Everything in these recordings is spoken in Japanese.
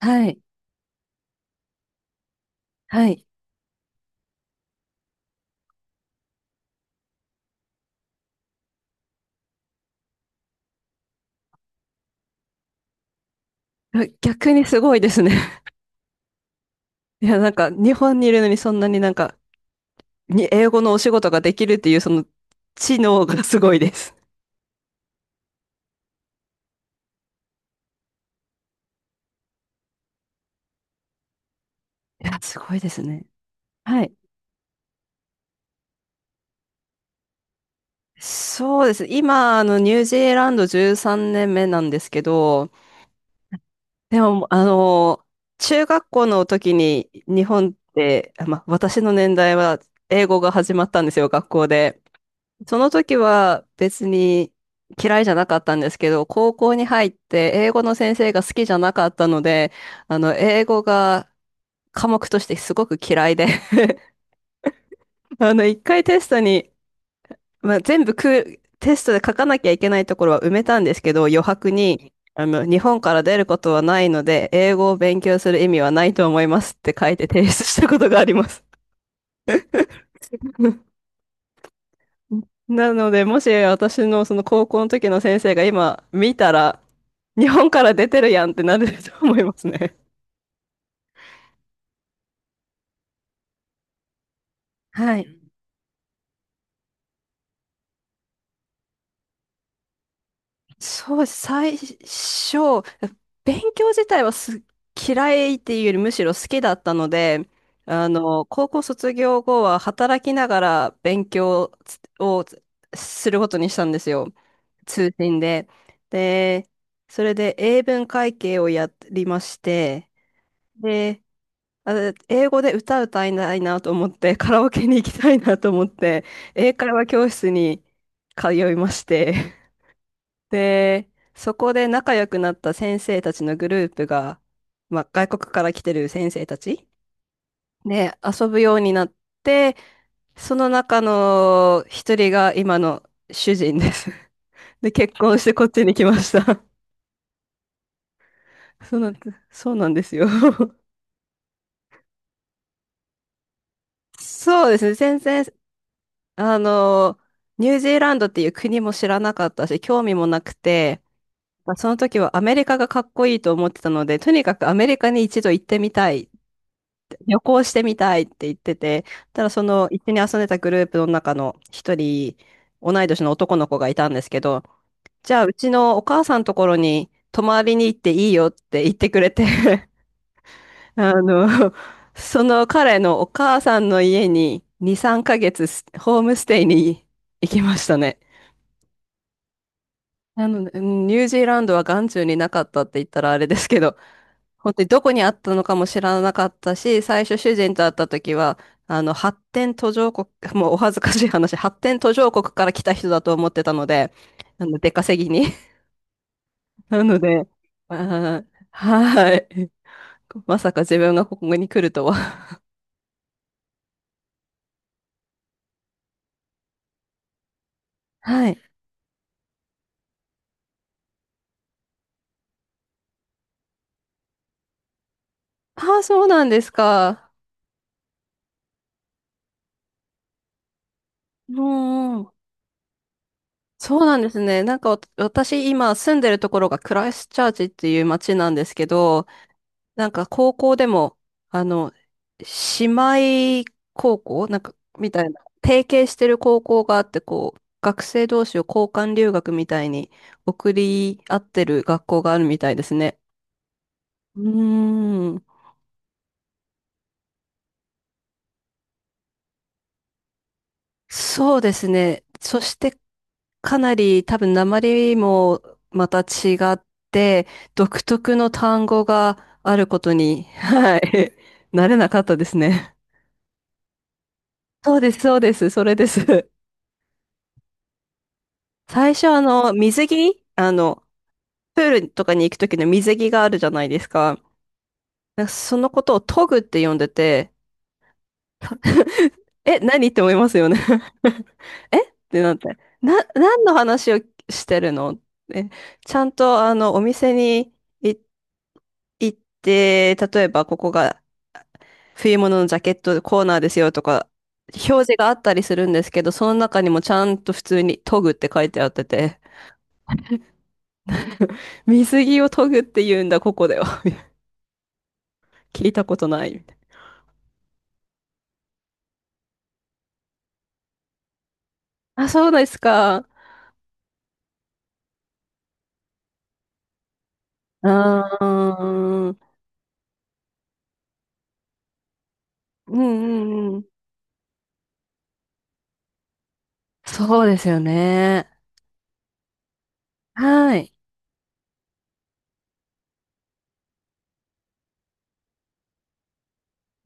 はい。はい。あ、逆にすごいですね。いや、なんか、日本にいるのにそんなになんか、に英語のお仕事ができるっていう、その、知能がすごいです。いや、すごいですね。はい。そうです。今、ニュージーランド13年目なんですけど、でも、中学校の時に日本って、私の年代は英語が始まったんですよ、学校で。その時は別に嫌いじゃなかったんですけど、高校に入って英語の先生が好きじゃなかったので、英語が科目としてすごく嫌いで。 一回テストに、まあ、全部く、テストで書かなきゃいけないところは埋めたんですけど、余白に、日本から出ることはないので、英語を勉強する意味はないと思いますって書いて提出したことがあります。なので、もし私のその高校の時の先生が今見たら、日本から出てるやんってなると思いますね。はい。そう、最初、勉強自体は嫌いっていうよりむしろ好きだったので、高校卒業後は働きながら勉強をすることにしたんですよ。通信で。で、それで英文会計をやりまして、で、あの英語で歌歌いたいなと思って、カラオケに行きたいなと思って、英会話教室に通いまして、で、そこで仲良くなった先生たちのグループが、まあ、外国から来てる先生たちで遊ぶようになって、その中の一人が今の主人です。で、結婚してこっちに来ました。そうなん、そうなんですよ。そうですね。全然あの、ニュージーランドっていう国も知らなかったし、興味もなくて、まあ、その時はアメリカがかっこいいと思ってたので、とにかくアメリカに一度行ってみたい旅行してみたいって言ってて、ただその一緒に遊んでたグループの中の一人、同い年の男の子がいたんですけど、じゃあうちのお母さんのところに泊まりに行っていいよって言ってくれて。 あの、その彼のお母さんの家に2、3ヶ月ホームステイに行きましたね。なので、うん、ニュージーランドは眼中になかったって言ったらあれですけど、本当にどこにあったのかも知らなかったし、最初主人と会った時は、発展途上国、もうお恥ずかしい話、発展途上国から来た人だと思ってたので、出稼ぎに。なので、あーはい。まさか自分がここに来るとは。はい。ああ、そうなんですか。うんうん。そうなんですね。なんか私今住んでるところがクライストチャーチっていう街なんですけど、なんか高校でも、あの、姉妹高校なんか、みたいな、提携してる高校があって、こう、学生同士を交換留学みたいに送り合ってる学校があるみたいですね。うーん、そうですね。そして、かなり多分訛りもまた違って、独特の単語があることに、はい、慣れなかったですね。そうです、そうです、それです。最初水着プールとかに行く時の水着があるじゃないですか。なんかそのことをトグって呼んでて、え、何って思いますよね。 えってなって。何の話をしてるの。え、ちゃんとお店に行行って、例えばここが冬物のジャケットコーナーですよとか、表示があったりするんですけど、その中にもちゃんと普通にトグって書いてあってて、水着をトグって言うんだ、ここでは聞いたことないみたい。なあ、そうですか。うーん。うんうんうん。そうですよね。はい。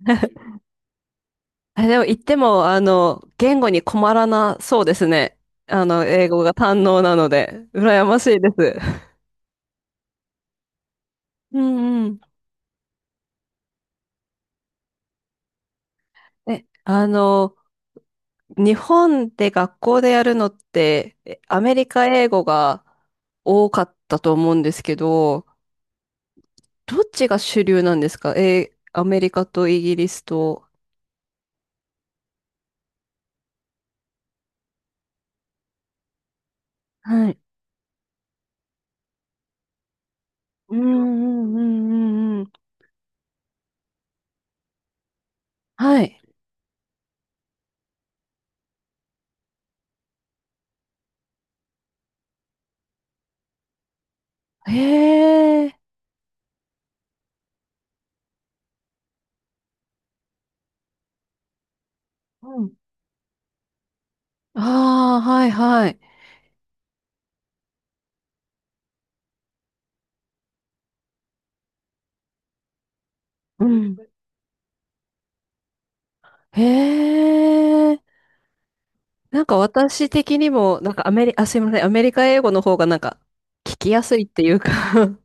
あ、でも言っても、言語に困らなそうですね。英語が堪能なので、羨ましいです。うんうん。え、日本で学校でやるのって、アメリカ英語が多かったと思うんですけど、どっちが主流なんですか。アメリカとイギリスと。はい。うんうんうんうんうん。はい。へえ。うん。ああ、はいはい。うん。へえ。なんか私的にも、なんかアメリ、あ、すいません。アメリカ英語の方がなんか聞きやすいっていうか、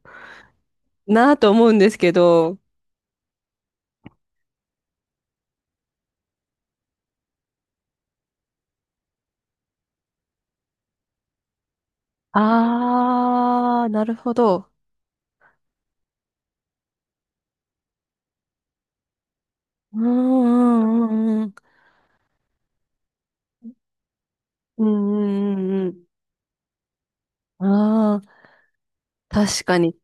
なあと思うんですけど。ああ、なるほど。うんうんうんうん。うんうんうんうん。ああ、確かに。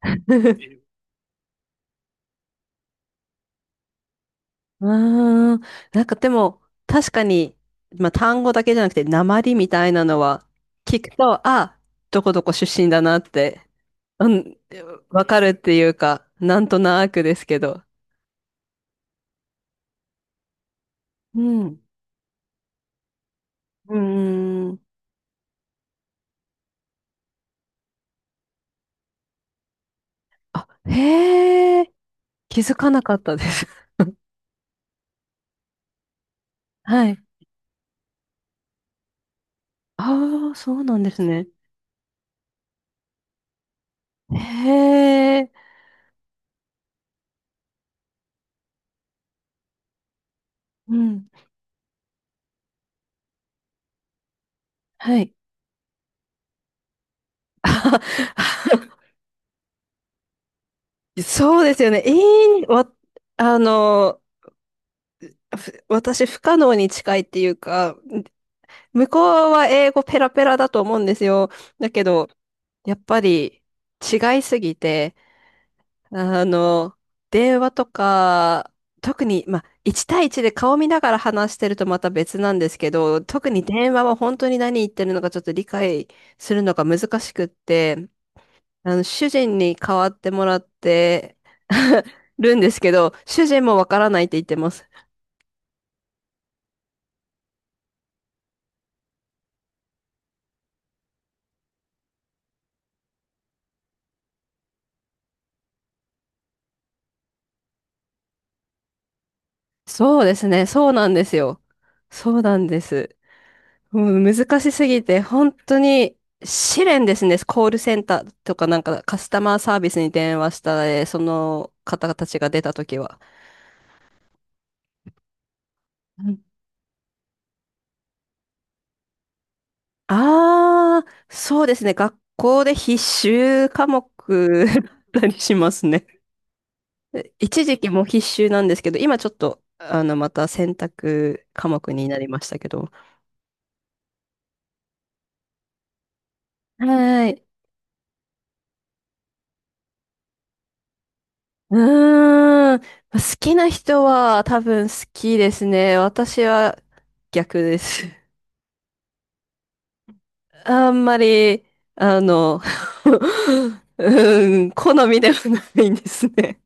うーん。なんかでも、確かに、まあ単語だけじゃなくて、訛りみたいなのは、聞くと、あ、どこどこ出身だなって、うん、わかるっていうか、なんとなくですけど。うん。うーん。あ、へえ、気づかなかったです。はい。ああ、そうなんですね。へえ、うん。はい。そうですよね。ええ、あの、私不可能に近いっていうか、向こうは英語ペラペラだと思うんですよ。だけど、やっぱり違いすぎて、あの、電話とか、特に、まあ、1対1で顔見ながら話してるとまた別なんですけど、特に電話は本当に何言ってるのかちょっと理解するのが難しくって、主人に代わってもらって るんですけど、主人もわからないって言ってます。そうですね。そうなんですよ。そうなんです。うん、難しすぎて、本当に試練ですね。コールセンターとかなんかカスタマーサービスに電話したら、その方たちが出たときは。ああー、そうですね。学校で必修科目 だったりしますね。一時期も必修なんですけど、今ちょっと、また選択科目になりましたけど。はい。うーん。好きな人は多分好きですね。私は逆です。あんまり、あの、うーん、好みではないんですね。